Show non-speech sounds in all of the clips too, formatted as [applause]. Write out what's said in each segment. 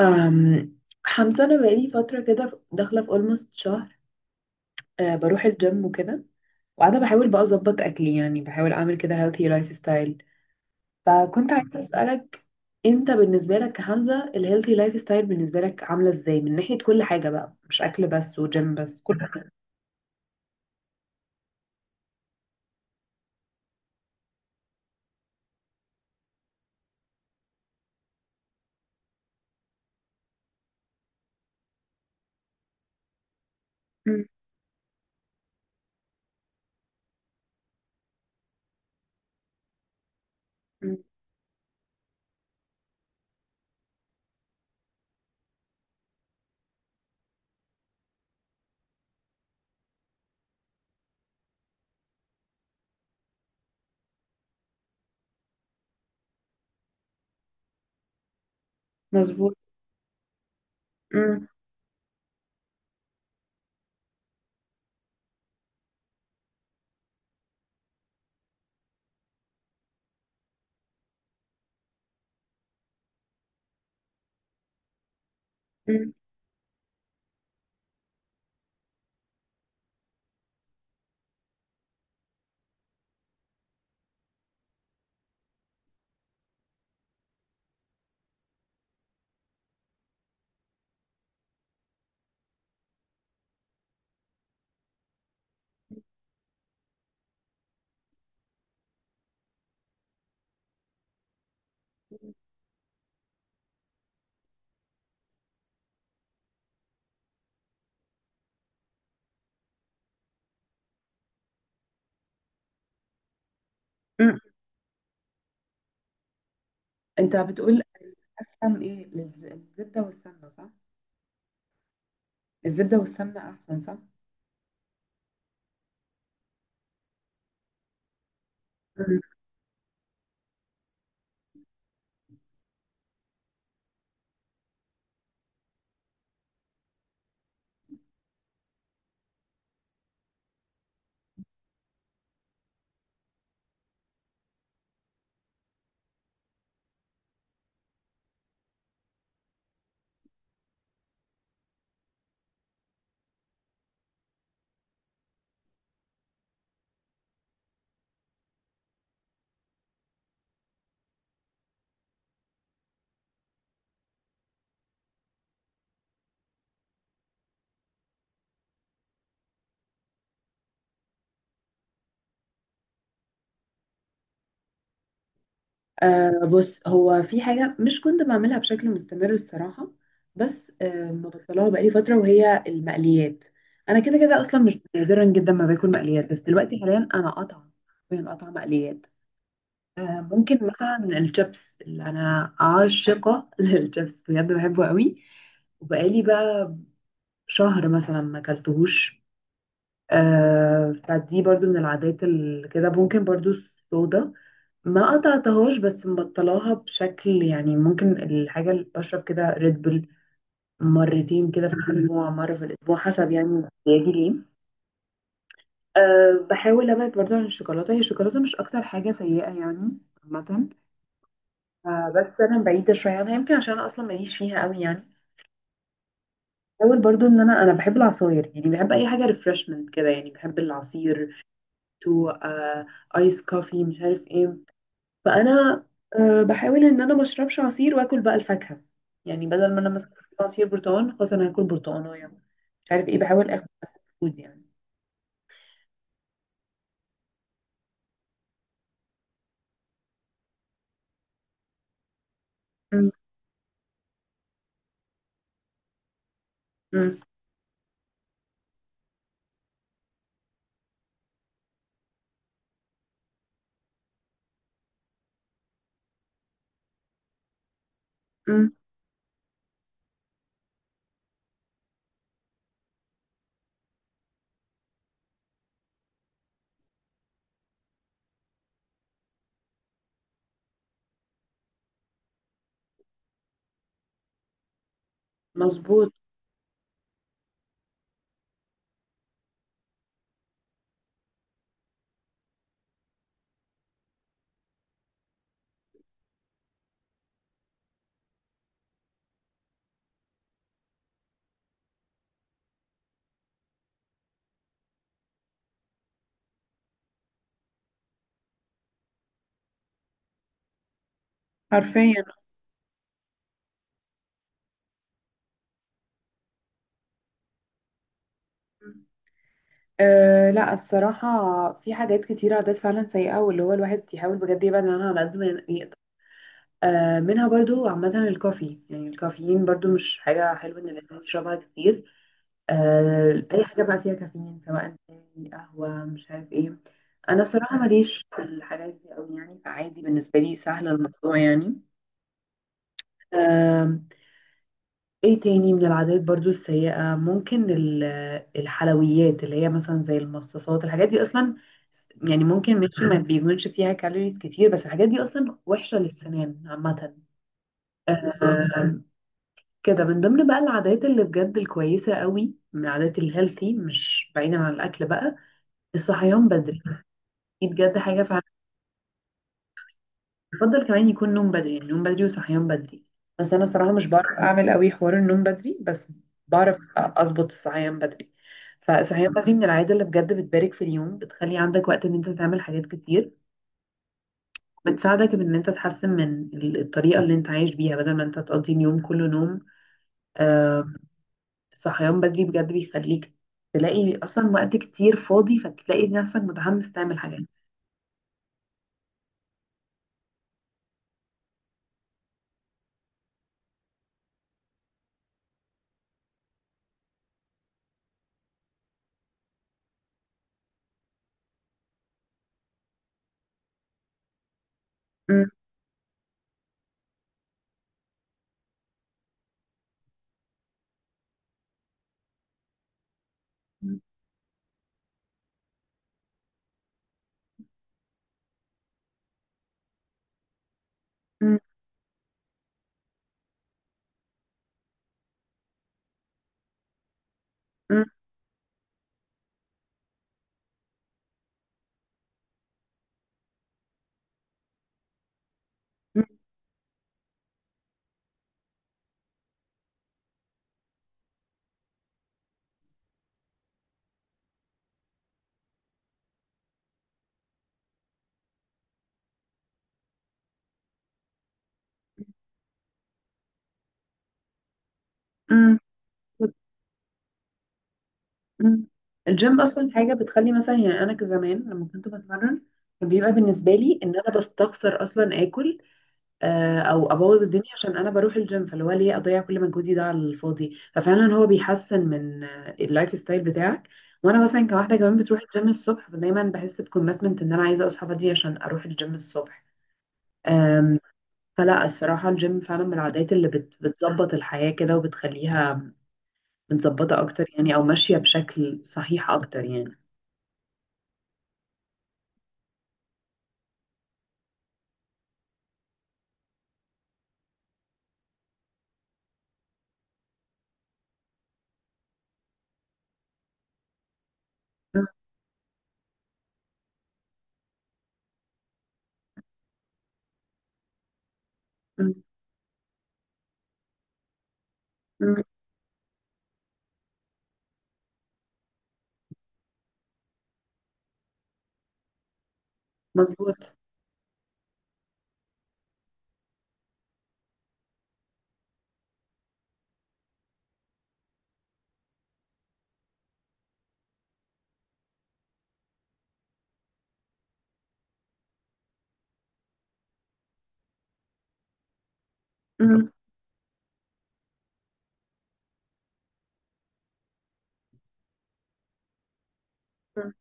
أم حمزة، أنا بقالي فترة كده داخلة في almost شهر. بروح الجيم وكده. وقاعدة بحاول بقى أظبط أكلي، يعني بحاول أعمل كده healthy lifestyle. فكنت عايزة أسألك، أنت بالنسبة لك كحمزة ال healthy lifestyle بالنسبة لك عاملة إزاي؟ من ناحية كل حاجة بقى، مش أكل بس وجيم بس، كل حاجة. أم. أم. مظبوط. أم. أم. أم. أنت بتقول، أسهم إيه، الزبدة والسمنة، صح؟ الزبدة والسمنة أحسن، صح؟ آه، بص هو في حاجة مش كنت بعملها بشكل مستمر الصراحة، بس مبطلها بقالي فترة، وهي المقليات. أنا كده كده أصلا، مش نادرا جدا ما باكل مقليات، بس دلوقتي حاليا أنا قاطعة. حرفياً قاطعة مقليات. ممكن مثلا الشيبس، اللي أنا عاشقة [laughs] للشيبس بجد، بحبه قوي. وبقالي بقى شهر مثلا ما أكلتهوش. فدي برضو من العادات اللي كده، ممكن برضو الصودا. ما قطعتهاش، بس مبطلاها بشكل يعني، ممكن الحاجة اللي بشرب كده ريد بول مرتين كده في الأسبوع، مرة في الأسبوع، حسب يعني احتياجي ليه. بحاول ابعد برضو عن الشوكولاتة، هي الشوكولاتة مش أكتر حاجة سيئة يعني، عامة. بس أنا بعيدة شوية عنها، يمكن عشان أنا أصلا ماليش فيها قوي يعني. بحاول برضو إن أنا بحب العصاير، يعني بحب أي حاجة ريفرشمنت كده، يعني بحب العصير. تو آيس كوفي، مش عارف ايه. فانا بحاول ان انا ما اشربش عصير، واكل بقى الفاكهه. يعني بدل ما انا مثلا أكل عصير برتقال، خلاص انا هاكل برتقانه، مش عارف ايه. بحاول اخد فود يعني. م- م- م. مظبوط. حرفيا. لا الصراحة، في حاجات كتيرة، عادات فعلا سيئة، واللي هو الواحد يحاول بجد يبعد عنها على قد ما يقدر. منها برضو عامة الكافي، يعني الكافيين، برضو مش حاجة حلوة إن الإنسان يشربها كتير. اي حاجه بقى فيها كافيين، سواء شاي، قهوه، مش عارف ايه. انا صراحه ماليش في الحاجات دي قوي يعني، فعادي بالنسبه لي سهل الموضوع يعني. آم، ايه تاني من العادات برضو السيئة؟ ممكن الحلويات، اللي هي مثلا زي المصاصات، الحاجات دي اصلا يعني ممكن ماشي، ما بيكونش فيها كالوريز كتير، بس الحاجات دي اصلا وحشة للسنان عامة. آم، كده من ضمن بقى العادات اللي بجد الكويسة قوي من العادات الهيلثي، مش بعيدا عن الاكل بقى، الصحيان بدري. دي بجد حاجة فعلا. بفضل كمان يكون نوم بدري، يعني نوم بدري وصحيان بدري، بس أنا صراحة مش بعرف أعمل قوي حوار النوم بدري، بس بعرف أظبط الصحيان بدري. فالصحيان بدري من العادة اللي بجد بتبارك في اليوم، بتخلي عندك وقت إن أنت تعمل حاجات كتير. بتساعدك بإن أنت تحسن من الطريقة اللي أنت عايش بيها، بدل ما أنت تقضي اليوم كله نوم. آه، صحيان بدري بجد بيخليك تلاقي أصلا وقت كتير فاضي، فتلاقي نفسك متحمس تعمل حاجات. م- م- م- م- م- مم. الجيم اصلا حاجه بتخلي مثلا، يعني انا كزمان لما كنت بتمرن، كان بيبقى بالنسبه لي ان انا بستخسر اصلا اكل، او ابوظ الدنيا عشان انا بروح الجيم، فاللي هو ليه اضيع كل مجهودي ده على الفاضي، ففعلا هو بيحسن من اللايف ستايل بتاعك. وانا مثلا كواحده كمان بتروح الجيم الصبح، فدايما بحس بكوميتمنت ان انا عايزه اصحى بدري عشان اروح الجيم الصبح. آم، فلا الصراحه الجيم فعلا من العادات اللي بتظبط الحياه كده وبتخليها متظبطه اكتر يعني، او ماشيه بشكل صحيح اكتر يعني. مم. مم. مظبوط. مم. مم.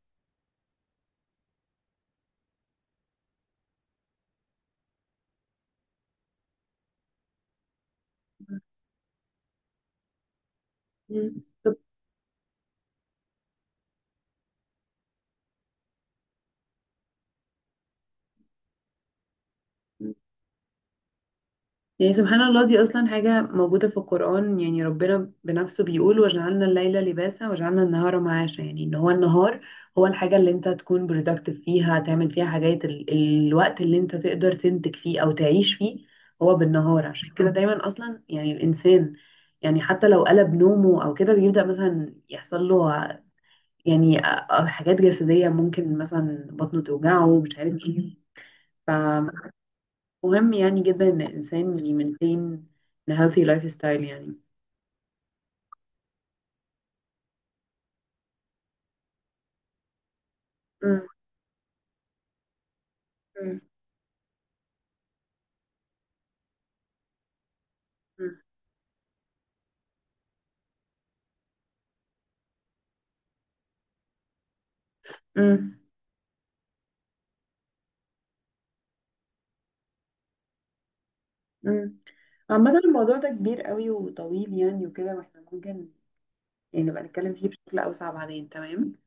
مم. طب- يعني سبحان الله، دي أصلا حاجة موجودة في القرآن، يعني ربنا بنفسه بيقول: وجعلنا الليل لباسا وجعلنا النهار معاشا، يعني إن هو النهار هو الحاجة اللي أنت تكون productive فيها، تعمل فيها حاجات الوقت اللي أنت تقدر تنتج فيه أو تعيش فيه، هو بالنهار. عشان كده دايما أصلا يعني الإنسان، يعني حتى لو قلب نومه أو كده، بيبدأ مثلا يحصل له يعني حاجات جسدية، ممكن مثلا بطنه توجعه ومش عارف ايه. مم. فمهم يعني جدا ان الانسان يمنتين a healthy لايف ستايل يعني. مم. مم. مم. مم. مم. عامة الموضوع ده كبير قوي وطويل يعني وكده، واحنا ممكن يعني نبقى نتكلم فيه بشكل أوسع بعدين، تمام؟